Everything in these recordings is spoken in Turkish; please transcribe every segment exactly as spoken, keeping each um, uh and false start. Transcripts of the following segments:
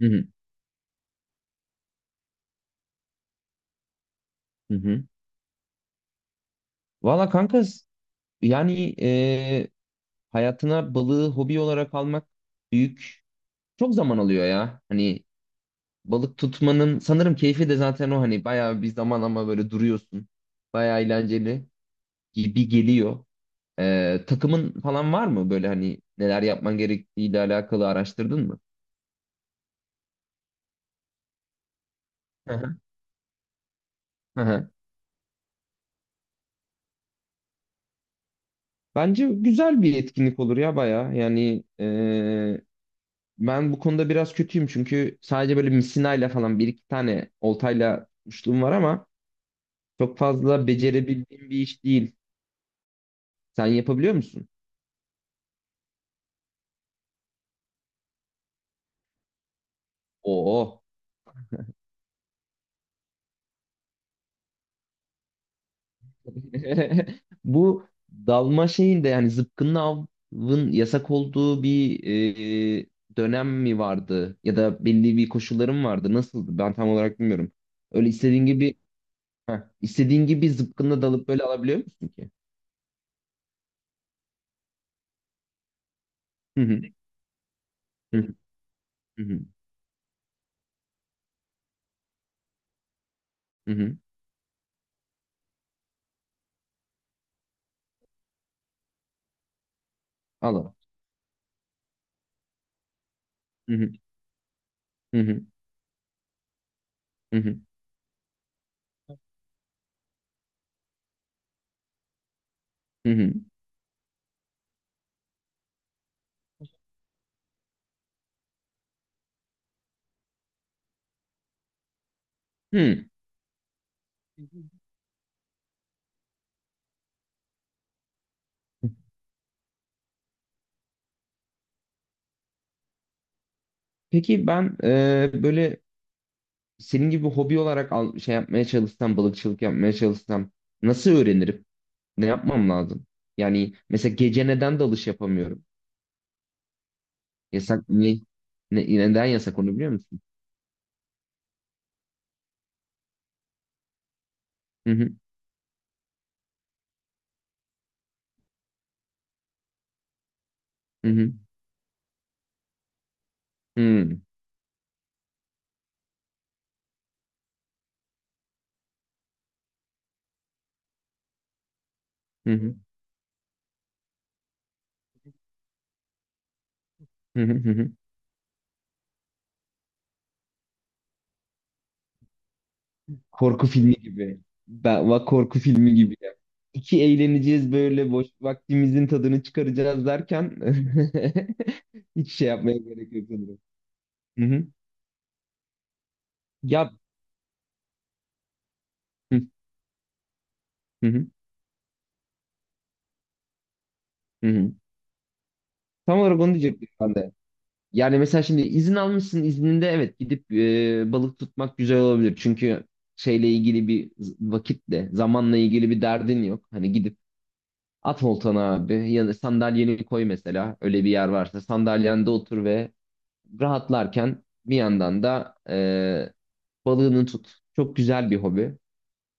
Hı hı. Hı hı. Valla kanka s- yani, e, hayatına balığı hobi olarak almak büyük çok zaman alıyor ya. Hani balık tutmanın sanırım keyfi de zaten o, hani bayağı bir zaman ama böyle duruyorsun. Bayağı eğlenceli gibi geliyor. E, takımın falan var mı böyle, hani neler yapman gerektiğiyle alakalı araştırdın mı? Hı hı. Hı hı. Bence güzel bir etkinlik olur ya bayağı. Yani, ben bu konuda biraz kötüyüm çünkü sadece böyle misinayla falan bir iki tane oltayla tutmuşluğum var ama çok fazla becerebildiğim bir iş değil. Sen yapabiliyor musun? Oo. Bu dalma şeyinde, yani zıpkınlı avın yasak olduğu bir e, dönem mi vardı? Ya da belli bir koşullarım vardı. Nasıldı? Ben tam olarak bilmiyorum. Öyle istediğin gibi heh, istediğin gibi zıpkınla dalıp böyle alabiliyor musun ki? Hı hı. Hı hı. Hı hı. Hı hı. Al al. Hı hı. Hı hı. Hı hı. Hı hı. Hı. Peki, ben e, böyle senin gibi hobi olarak al, şey yapmaya çalışsam, balıkçılık yapmaya çalışsam nasıl öğrenirim? Ne yapmam lazım? Yani mesela gece neden dalış yapamıyorum? Yasak ne, ne- neden yasak, onu biliyor musun? Hı hı hı hı hı hı hı hı hı. hı hı. Korku filmi gibi. Ben, bak, korku filmi gibi ya. İki eğleneceğiz böyle, boş vaktimizin tadını çıkaracağız derken hiç şey yapmaya gerek yok sanırım. Ya, hı hı hı. hı hı. Tam olarak onu diyecektim ben de. Yani mesela şimdi izin almışsın, izninde, evet, gidip e, balık tutmak güzel olabilir. Çünkü şeyle ilgili bir z- vakitle, zamanla ilgili bir derdin yok. Hani gidip at oltana abi, ya da sandalyeni koy, mesela öyle bir yer varsa sandalyende otur ve rahatlarken bir yandan da e, balığını tut. Çok güzel bir hobi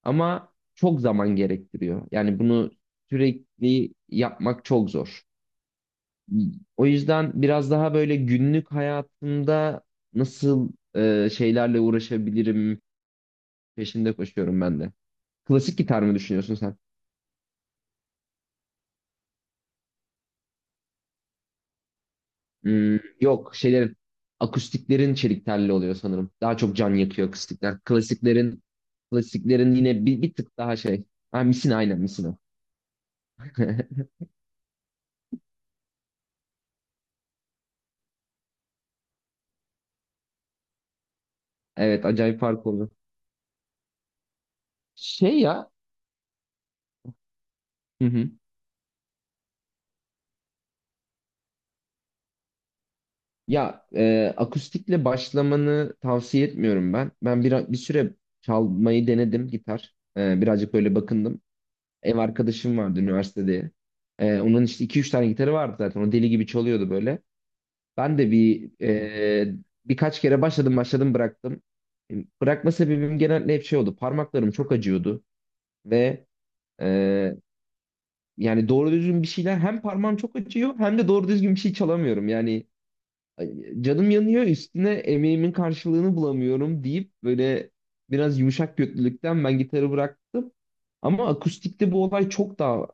ama çok zaman gerektiriyor. Yani bunu sürekli yapmak çok zor. O yüzden biraz daha böyle günlük hayatımda nasıl e, şeylerle uğraşabilirim peşinde koşuyorum ben de. Klasik gitar mı düşünüyorsun sen? Hmm, yok, şeylerin akustiklerin çelik telli oluyor sanırım. Daha çok can yakıyor akustikler. Klasiklerin klasiklerin yine bir, bir tık daha şey. Ha, misina, aynen misina. Evet, acayip fark oluyor. Şey ya. Hı hı. Ya, e, akustikle başlamanı tavsiye etmiyorum ben. Ben bir, bir süre çalmayı denedim gitar. E, birazcık böyle bakındım. Ev arkadaşım vardı üniversitede. E, onun işte iki üç tane gitarı vardı zaten. O deli gibi çalıyordu böyle. Ben de bir e, birkaç kere başladım başladım bıraktım. E, Bırakma sebebim genelde hep şey oldu. Parmaklarım çok acıyordu ve e, yani doğru düzgün bir şeyler, hem parmağım çok acıyor hem de doğru düzgün bir şey çalamıyorum. Yani, ay, canım yanıyor, üstüne emeğimin karşılığını bulamıyorum deyip böyle biraz yumuşak götlülükten ben gitarı bıraktım. Ama akustikte bu olay çok daha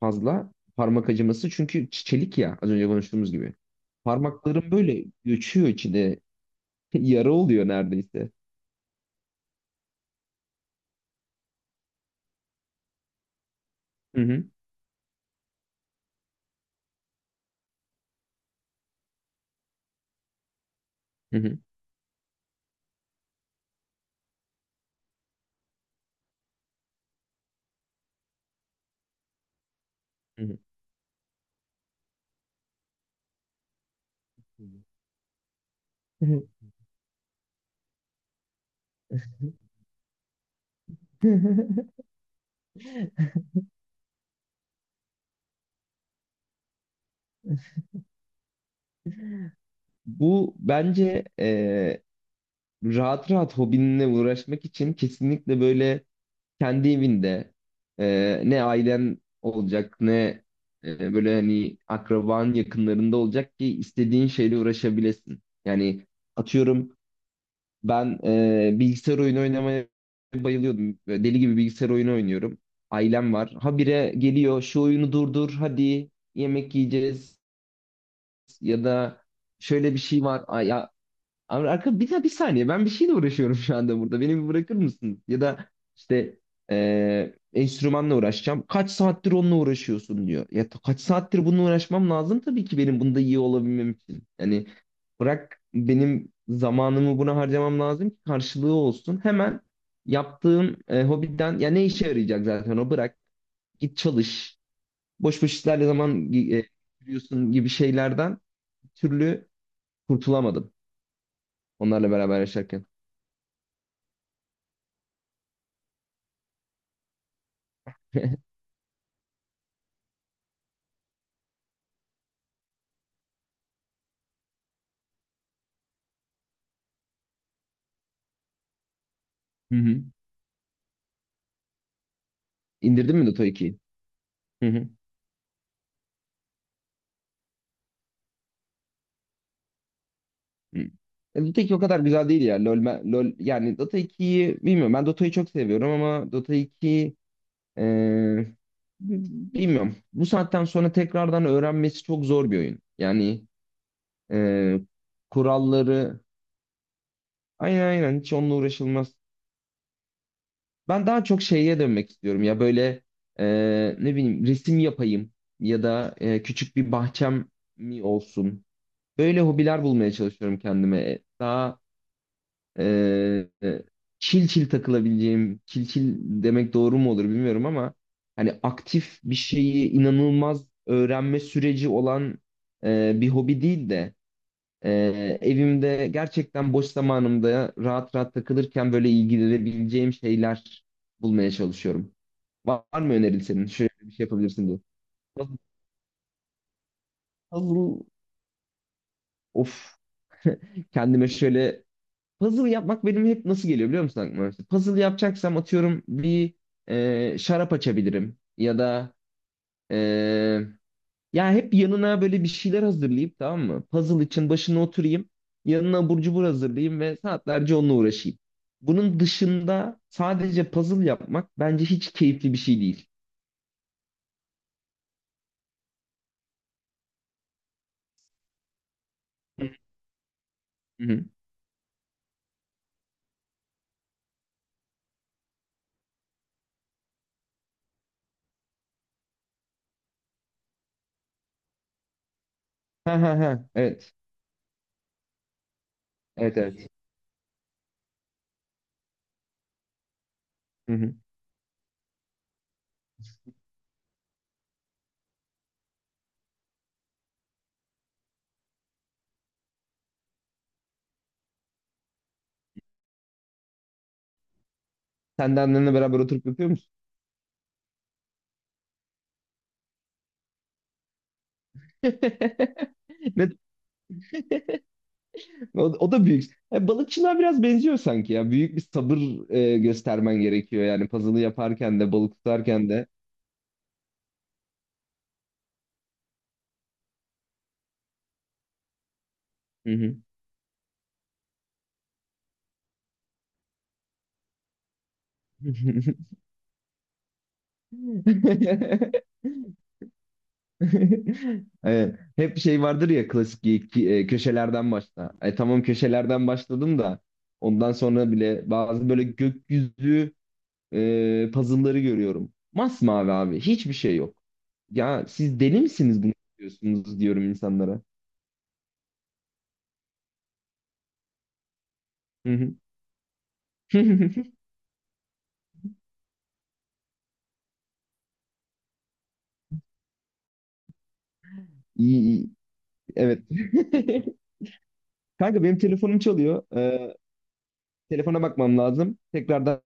fazla parmak acıması, çünkü çelik ya, az önce konuştuğumuz gibi. Parmaklarım böyle göçüyor içinde, yara oluyor neredeyse. Hı hı, hı hı, hı hı. Bu bence, eee, rahat rahat hobinle uğraşmak için kesinlikle böyle kendi evinde, e, ne ailen olacak ne e, böyle hani akraban yakınlarında olacak ki istediğin şeyle uğraşabilesin. Yani atıyorum, ben e, bilgisayar oyunu oynamaya bayılıyordum. Böyle Deli gibi bilgisayar oyunu oynuyorum. Ailem var. Habire geliyor, şu oyunu durdur, hadi yemek yiyeceğiz, ya da şöyle bir şey var. Ay, ya, abi, arka bir, bir saniye, ben bir şeyle uğraşıyorum şu anda burada. Beni bir bırakır mısın? Ya da işte, eee, enstrümanla uğraşacağım. Kaç saattir onunla uğraşıyorsun diyor. Ya, ta- kaç saattir bununla uğraşmam lazım tabii ki benim bunda iyi olabilmem için. Yani bırak, benim zamanımı buna harcamam lazım ki karşılığı olsun. Hemen yaptığım e, hobiden ya ne işe yarayacak zaten, o bırak. Git çalış. Boş boş işlerle zaman e, geçiriyorsun gibi şeylerden bir türlü kurtulamadım, onlarla beraber yaşarken. Hı hı. İndirdin mi Dota ikiyi? Hı hı. Hı. E, Dota iki o kadar güzel değil ya. LoL, me- LoL yani, Dota ikiyi bilmiyorum. Ben Dota'yı çok seviyorum ama Dota iki, e, bilmiyorum. Bu saatten sonra tekrardan öğrenmesi çok zor bir oyun. Yani e, kuralları, aynen aynen, hiç onunla uğraşılmaz. Ben daha çok şeye dönmek istiyorum ya, böyle e, ne bileyim, resim yapayım ya da e, küçük bir bahçem mi olsun. Böyle hobiler bulmaya çalışıyorum kendime. E, Daha Ee, çil çil takılabileceğim, çil çil demek doğru mu olur bilmiyorum ama hani aktif bir şeyi inanılmaz öğrenme süreci olan e, bir hobi değil de, e, evimde gerçekten boş zamanımda rahat rahat takılırken böyle ilgilenebileceğim şeyler bulmaya çalışıyorum. Var, var mı önerin senin? Şöyle bir şey yapabilirsin diye. Puzzle, puzzle- of Kendime şöyle, puzzle yapmak benim hep nasıl geliyor biliyor musun aklıma? İşte, puzzle yapacaksam atıyorum bir e, şarap açabilirim ya da e, ya hep yanına böyle bir şeyler hazırlayıp, tamam mı? Puzzle için başına oturayım. Yanına abur cubur hazırlayayım ve saatlerce onunla uğraşayım. Bunun dışında sadece puzzle yapmak bence hiç keyifli bir şey değil. Hı hı. Ha ha ha. Evet. Evet evet. Hı hı. Sen de annenle beraber oturup yapıyor musun? Ne, o, o da büyük. E, balıkçılığa biraz benziyor sanki ya. Büyük bir sabır e, göstermen gerekiyor yani puzzle'ı yaparken de balık tutarken de. Hı hı. Evet. Hep şey vardır ya klasik, ki- ki- e, köşelerden başla. E, tamam, köşelerden başladım da ondan sonra bile bazı böyle gökyüzü e, puzzle'ları görüyorum. Masmavi abi, hiçbir şey yok. Ya, siz deli misiniz bunu diyorsunuz diyorum insanlara. Hı hı. İyi, iyi. Evet. Kanka benim telefonum çalıyor. Ee, telefona bakmam lazım. Tekrardan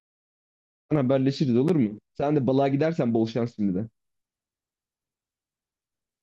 haberleşiriz olur mu? Sen de balığa gidersen bol şans şimdi de.